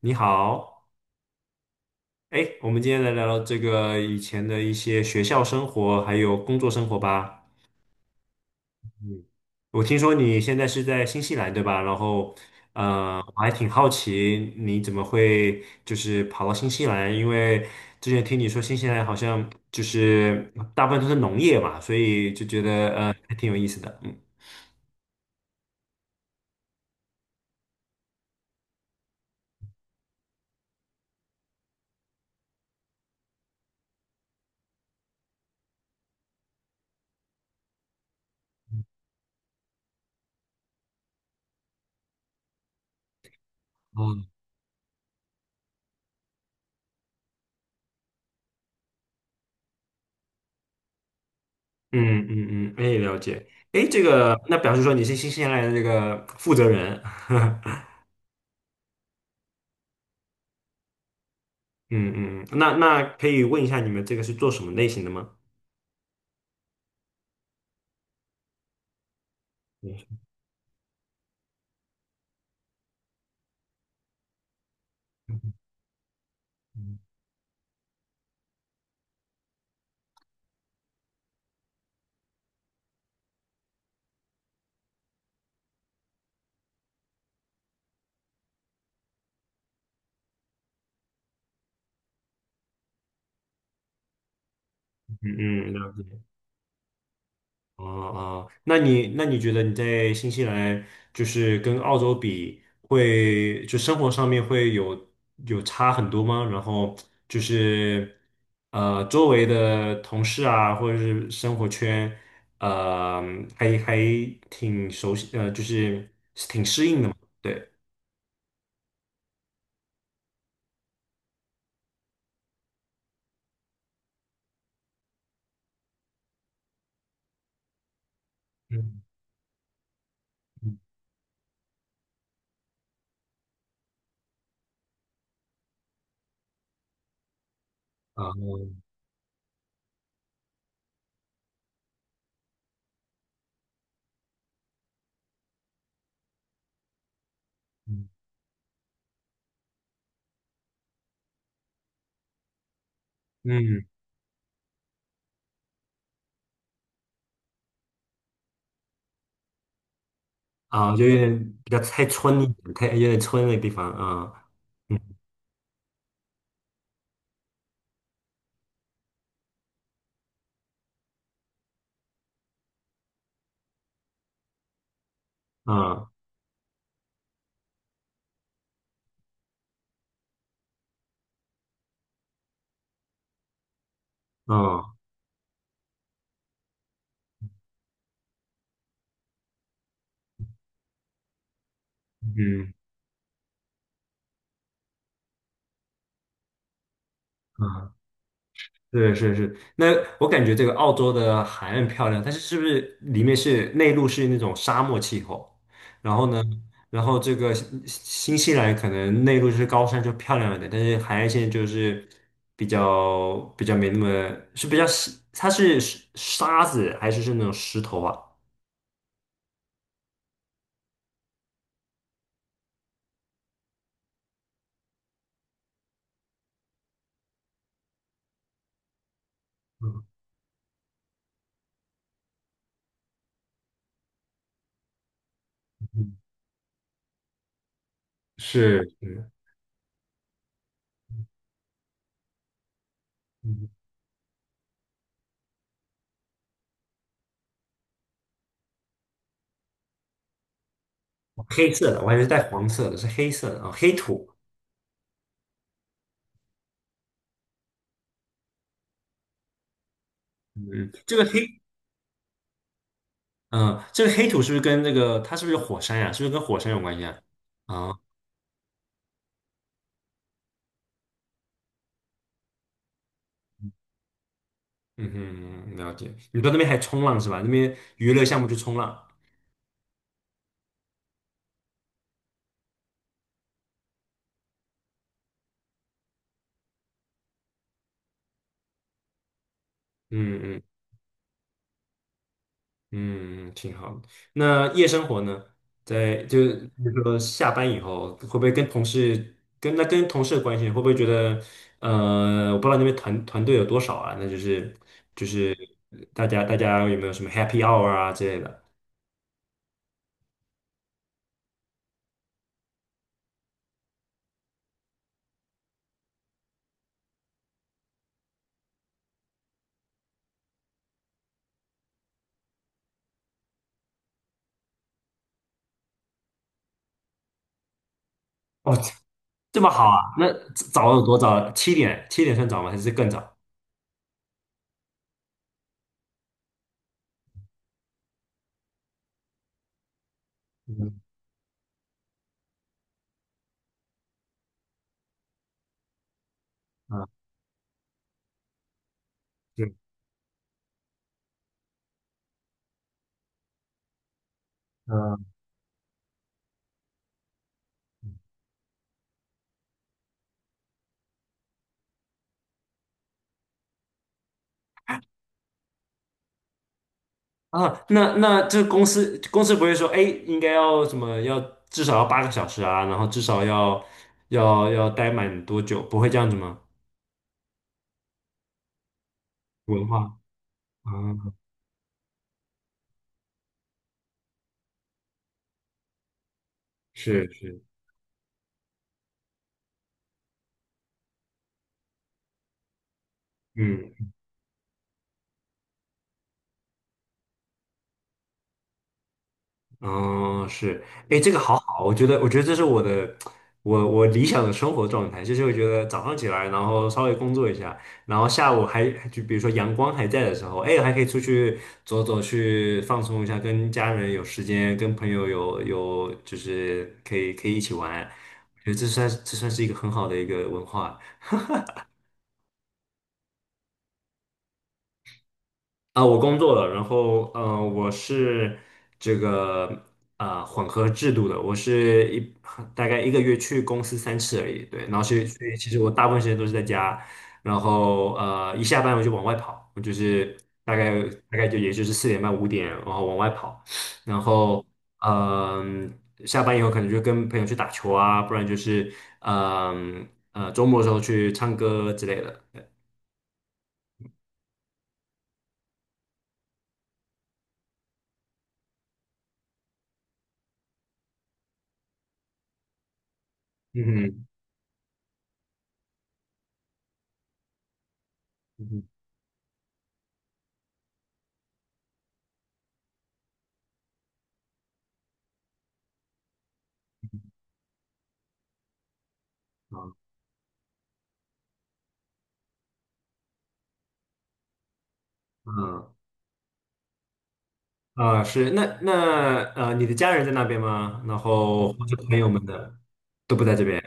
你好，哎，我们今天来聊聊这个以前的一些学校生活，还有工作生活吧。嗯，我听说你现在是在新西兰，对吧？然后，我还挺好奇你怎么会就是跑到新西兰，因为之前听你说新西兰好像就是大部分都是农业嘛，所以就觉得还挺有意思的。嗯嗯，嗯嗯嗯，哎，了解。哎，这个那表示说你是新西兰的这个负责人。嗯嗯，那可以问一下你们这个是做什么类型的吗？嗯嗯，了解。哦哦，那你觉得你在新西兰就是跟澳洲比会，就生活上面会有差很多吗？然后就是周围的同事啊，或者是生活圈，呃，还挺熟悉，就是挺适应的嘛。对，嗯嗯啊，嗯嗯啊，就有点比较太村一点，太有点村的地方啊，嗯啊啊嗯啊，是是是。那我感觉这个澳洲的海岸漂亮，但是是不是里面是内陆是那种沙漠气候？然后呢，然后这个新西兰可能内陆是高山就漂亮一点，但是海岸线就是比较没那么是比较是它是沙子还是那种石头啊？嗯，嗯是是。黑色的，我还以为是带黄色的，是黑色的啊、黑土。嗯，这个黑，嗯、这个黑土是不是跟那个它是不是有火山呀、是不是跟火山有关系啊？啊，嗯哼，了解。你到那边还冲浪是吧？那边娱乐项目就冲浪。嗯嗯嗯，嗯挺好的。那夜生活呢？在就比如说下班以后，会不会跟同事的关系，会不会觉得我不知道那边团队有多少啊？那就是大家有没有什么 happy hour 啊之类的？哦，这么好啊？那早有多早？七点算早吗？还是更早？嗯啊，对，啊啊，那这公司不会说，哎，应该要什么？要至少要8个小时啊，然后至少要待满多久？不会这样子吗？文化啊，是是，嗯。嗯，是，哎，这个好好，我觉得这是我的，我理想的生活状态，就是我觉得早上起来，然后稍微工作一下，然后下午还就比如说阳光还在的时候，哎，还可以出去走走，去放松一下，跟家人有时间，跟朋友有就是可以一起玩，我觉得这算是一个很好的一个文化。啊，我工作了，然后我是这个混合制度的，我是一大概1个月去公司3次而已，对，然后所以其实我大部分时间都是在家，然后一下班我就往外跑，我就是大概大概就也就是4点半5点，然后往外跑，然后嗯、下班以后可能就跟朋友去打球啊，不然就是周末的时候去唱歌之类的，对嗯哼嗯哼。好啊，是那你的家人在那边吗？然后或者朋友们的都不在这边。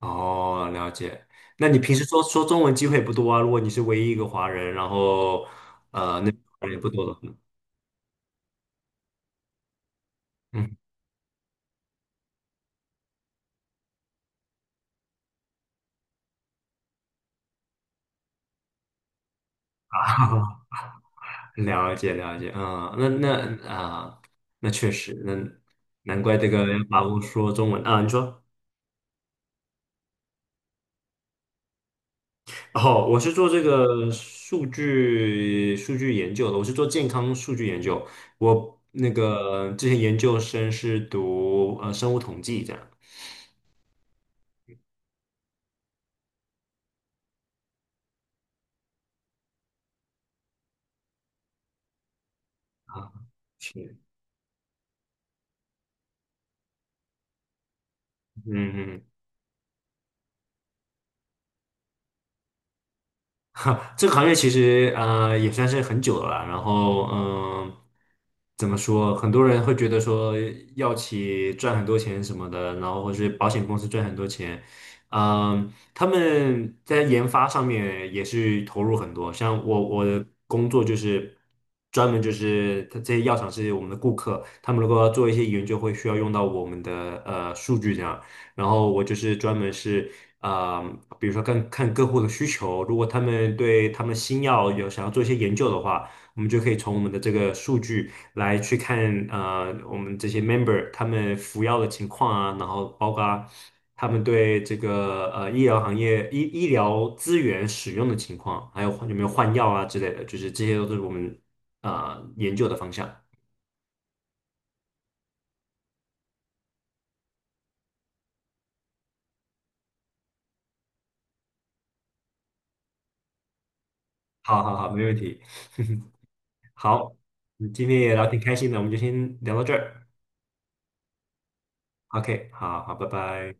哦，了解。那你平时说说中文机会也不多啊？如果你是唯一一个华人，然后那华人也不多的话，嗯，了解了解，嗯，那确实，那难怪这个要把握说中文啊。你说，哦，我是做这个数据研究的，我是做健康数据研究。我之前研究生是读生物统计这样啊，是，嗯嗯 哈，这个行业其实也算是很久了啦然后怎么说？很多人会觉得说药企赚很多钱什么的，然后或是保险公司赚很多钱，他们在研发上面也是投入很多。像我的工作就是专门就是它这些药厂是我们的顾客，他们如果要做一些研究，会需要用到我们的数据这样。然后我就是专门是比如说看看客户的需求，如果他们对他们新药有想要做一些研究的话，我们就可以从我们的这个数据来去看啊，我们这些 member 他们服药的情况啊，然后包括他们对这个医疗行业医疗资源使用的情况，还有有没有换药啊之类的，就是这些都是我们研究的方向。好好好，没问题。好，今天也聊挺开心的，我们就先聊到这儿。OK，好好，拜拜。